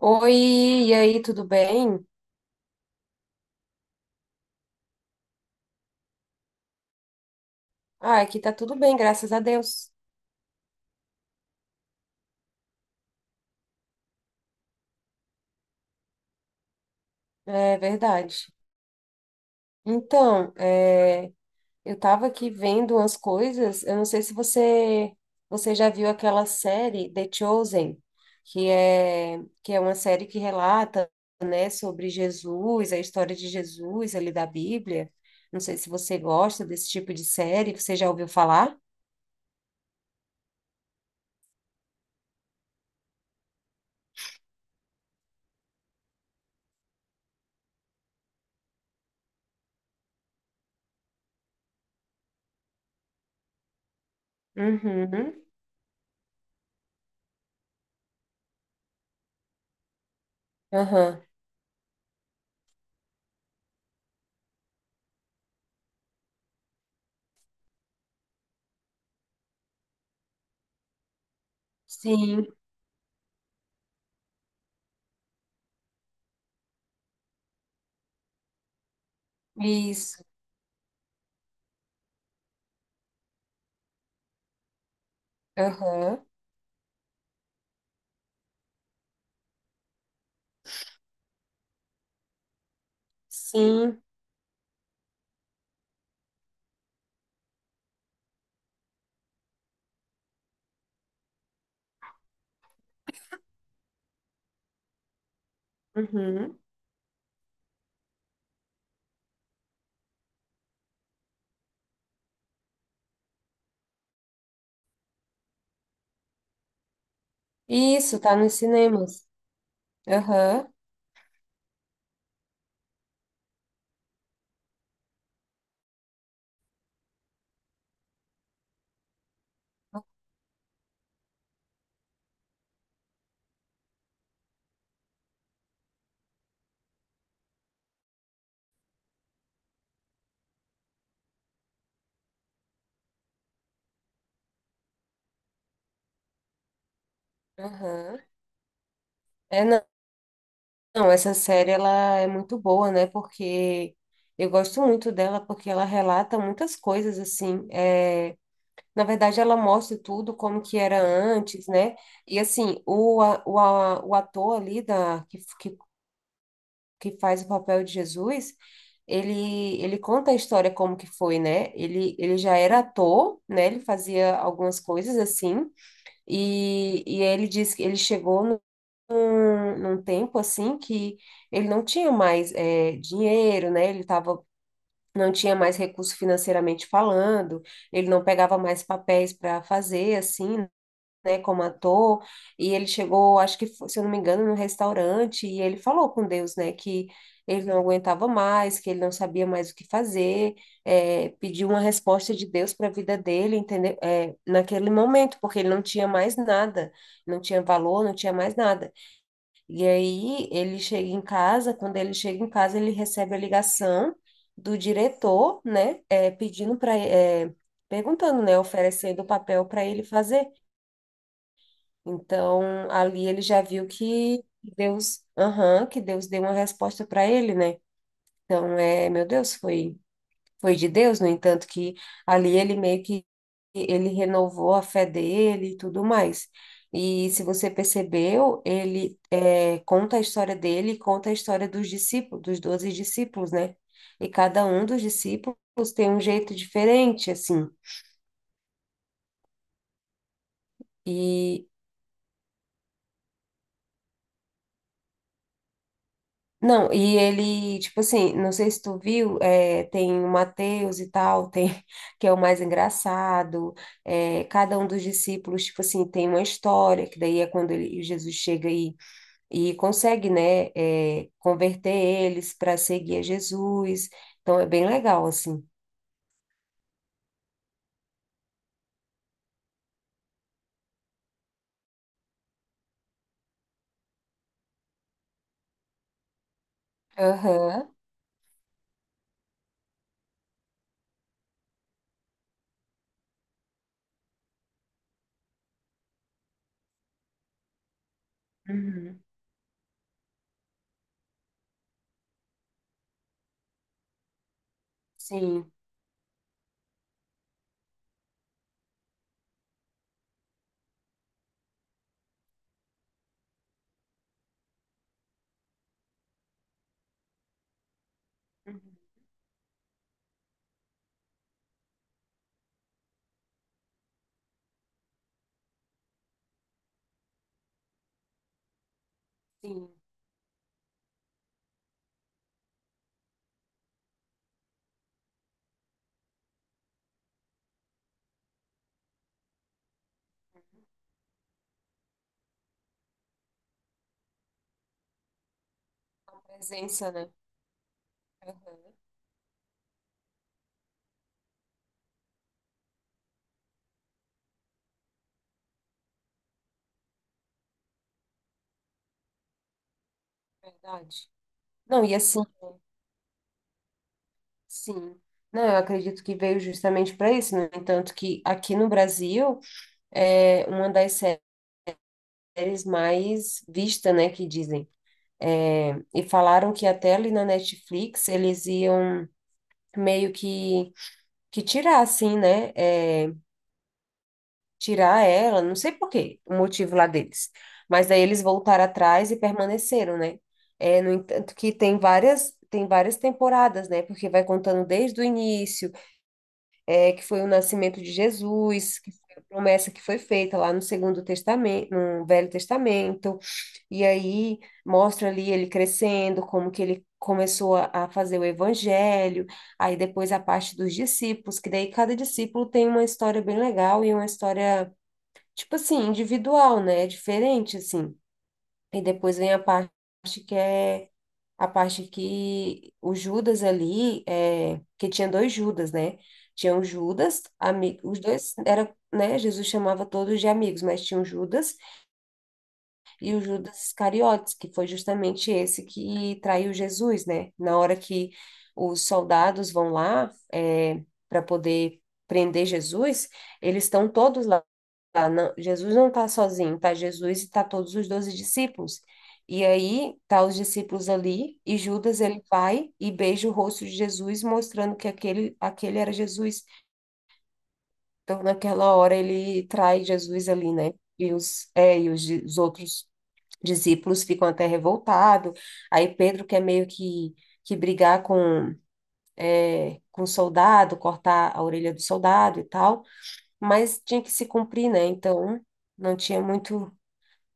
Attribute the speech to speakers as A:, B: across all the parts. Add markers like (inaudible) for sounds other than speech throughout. A: Oi, e aí, tudo bem? Ah, aqui tá tudo bem, graças a Deus. É verdade. Então, eu tava aqui vendo umas coisas, eu não sei se você já viu aquela série The Chosen, que é uma série que relata, né, sobre Jesus, a história de Jesus ali da Bíblia. Não sei se você gosta desse tipo de série, você já ouviu falar? Uhum. Aham. Sim, isso. Aham. Sim. Uhum. Isso, tá nos cinemas. Aham, aham. É, não, não, essa série ela é muito boa, né? Porque eu gosto muito dela porque ela relata muitas coisas assim. Na verdade, ela mostra tudo como que era antes, né? E assim, o ator ali da, que faz o papel de Jesus, ele conta a história como que foi, né? Ele já era ator, né? Ele fazia algumas coisas assim. E ele disse que ele chegou num tempo assim que ele não tinha mais dinheiro, né? Ele tava, não tinha mais recurso financeiramente falando, ele não pegava mais papéis para fazer, assim, né, como ator, e ele chegou, acho que, se eu não me engano, num restaurante, e ele falou com Deus, né, que ele não aguentava mais, que ele não sabia mais o que fazer, pediu uma resposta de Deus para a vida dele, entendeu? É, naquele momento, porque ele não tinha mais nada, não tinha valor, não tinha mais nada. E aí ele chega em casa, quando ele chega em casa, ele recebe a ligação do diretor, né, pedindo para, perguntando, né, oferecendo o papel para ele fazer. Então, ali ele já viu que Deus, aham, que Deus deu uma resposta para ele, né? Então, é, meu Deus, foi foi de Deus, no entanto que ali ele meio que ele renovou a fé dele e tudo mais. E se você percebeu, ele conta a história dele, e conta a história dos discípulos, dos doze discípulos, né? E cada um dos discípulos tem um jeito diferente, assim. E não, e ele, tipo assim, não sei se tu viu, é, tem o Mateus e tal, tem, (laughs) que é o mais engraçado, é, cada um dos discípulos, tipo assim, tem uma história, que daí é quando Jesus chega e consegue, né, é, converter eles para seguir a Jesus, então é bem legal, assim. Aham. Uhum. Sim. Uhum. Sim. A presença, né? Aham, verdade. Não, e assim, sim, não, eu acredito que veio justamente para isso. No entanto, que aqui no Brasil é uma das séries mais vista, né, que dizem. É, e falaram que até ali na Netflix eles iam meio que tirar, assim, né? É, tirar ela, não sei por quê, o motivo lá deles. Mas daí eles voltaram atrás e permaneceram, né? É, no entanto, que tem várias temporadas, né? Porque vai contando desde o início. É, que foi o nascimento de Jesus, que foi a promessa que foi feita lá no Segundo Testamento, no Velho Testamento, e aí mostra ali ele crescendo, como que ele começou a fazer o evangelho, aí depois a parte dos discípulos, que daí cada discípulo tem uma história bem legal e uma história, tipo assim, individual, né? Diferente, assim. E depois vem a parte que é a parte que o Judas ali, é, que tinha dois Judas, né? Tinha o Judas, os dois era, né? Jesus chamava todos de amigos, mas tinha o Judas, e o Judas Iscariotes, que foi justamente esse que traiu Jesus, né? Na hora que os soldados vão lá é, para poder prender Jesus, eles estão todos lá. Jesus não está sozinho, tá Jesus e tá todos os doze discípulos. E aí tá os discípulos ali e Judas ele vai e beija o rosto de Jesus, mostrando que aquele era Jesus. Então naquela hora ele trai Jesus ali, né? E os, os outros discípulos ficam até revoltados. Aí Pedro quer meio que brigar com é, com o soldado, cortar a orelha do soldado e tal, mas tinha que se cumprir, né? Então não tinha muito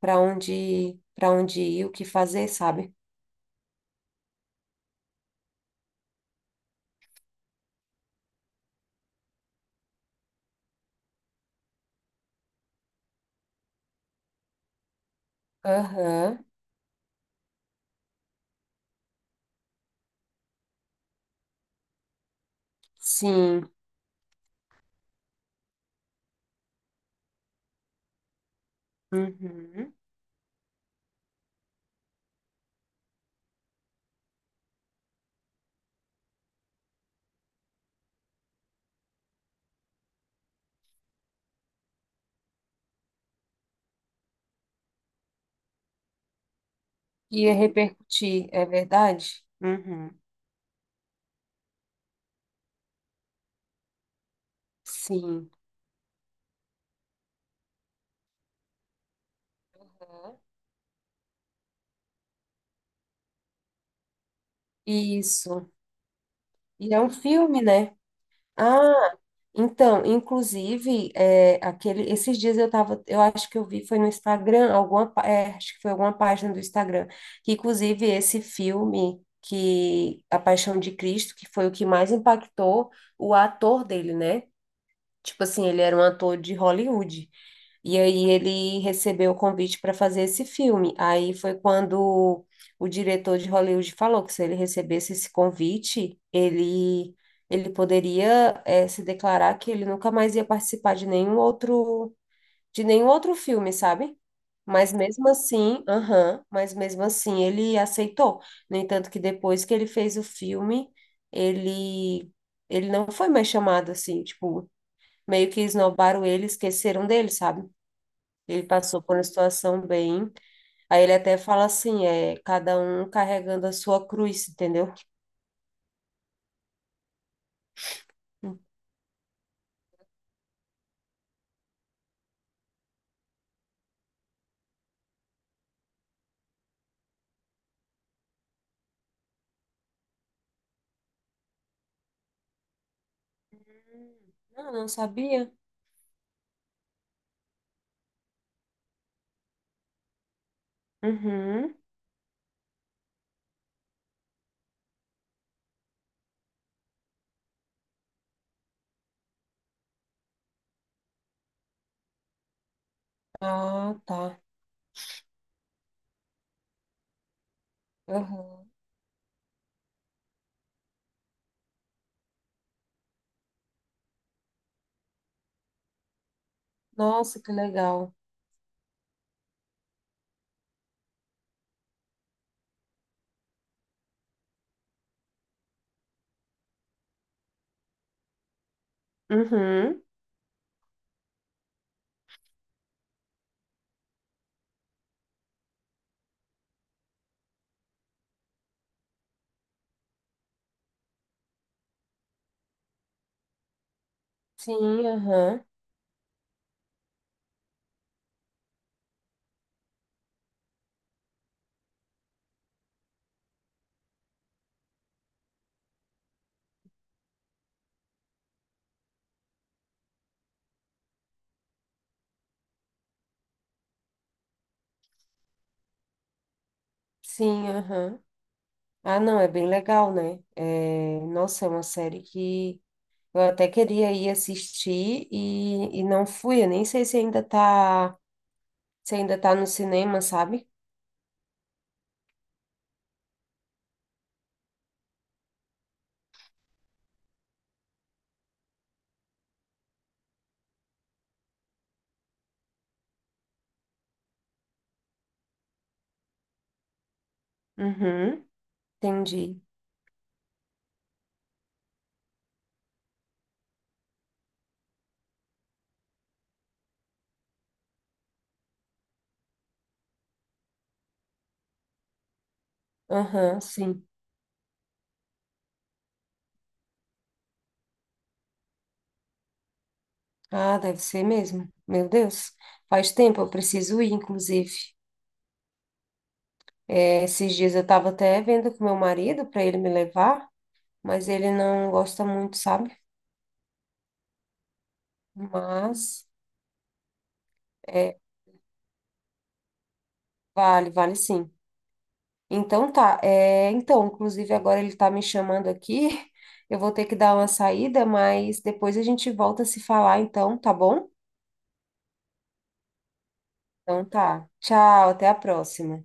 A: para onde ir, o que fazer, sabe? Aham, sim. Uhum. Ia repercutir, é verdade? Uhum. Sim. Aham. Isso. E é um filme, né? Ah, então, inclusive, é, aquele, esses dias eu tava, eu acho que eu vi, foi no Instagram, alguma, é, acho que foi alguma página do Instagram, que inclusive esse filme, que A Paixão de Cristo, que foi o que mais impactou o ator dele, né? Tipo assim, ele era um ator de Hollywood. E aí ele recebeu o convite para fazer esse filme. Aí foi quando o diretor de Hollywood falou que se ele recebesse esse convite, ele poderia se declarar que ele nunca mais ia participar de nenhum outro filme, sabe? Mas mesmo assim, aham, mas mesmo assim ele aceitou. No entanto, que depois que ele fez o filme, ele ele não foi mais chamado assim, tipo, meio que esnobaram ele, esqueceram dele, sabe? Ele passou por uma situação bem. Aí ele até fala assim, é cada um carregando a sua cruz, entendeu? Hum. Não, não sabia. Uhum. Ah, tá. Uhum. Nossa, que legal. Uhum. Sim, aham. Sim, aham. Ah, não, é bem legal, né? É, nossa, é uma série que eu até queria ir assistir e não fui. Eu nem sei se ainda tá, se ainda tá no cinema, sabe? Uhum. Entendi. Aham, sim. Ah, deve ser mesmo. Meu Deus, faz tempo, eu preciso ir, inclusive. É, esses dias eu estava até vendo com meu marido para ele me levar, mas ele não gosta muito, sabe? Mas é, vale sim. Então tá, é, então, inclusive agora ele tá me chamando aqui. (laughs) Eu vou ter que dar uma saída, mas depois a gente volta a se falar, então, tá bom? Então tá. Tchau, até a próxima.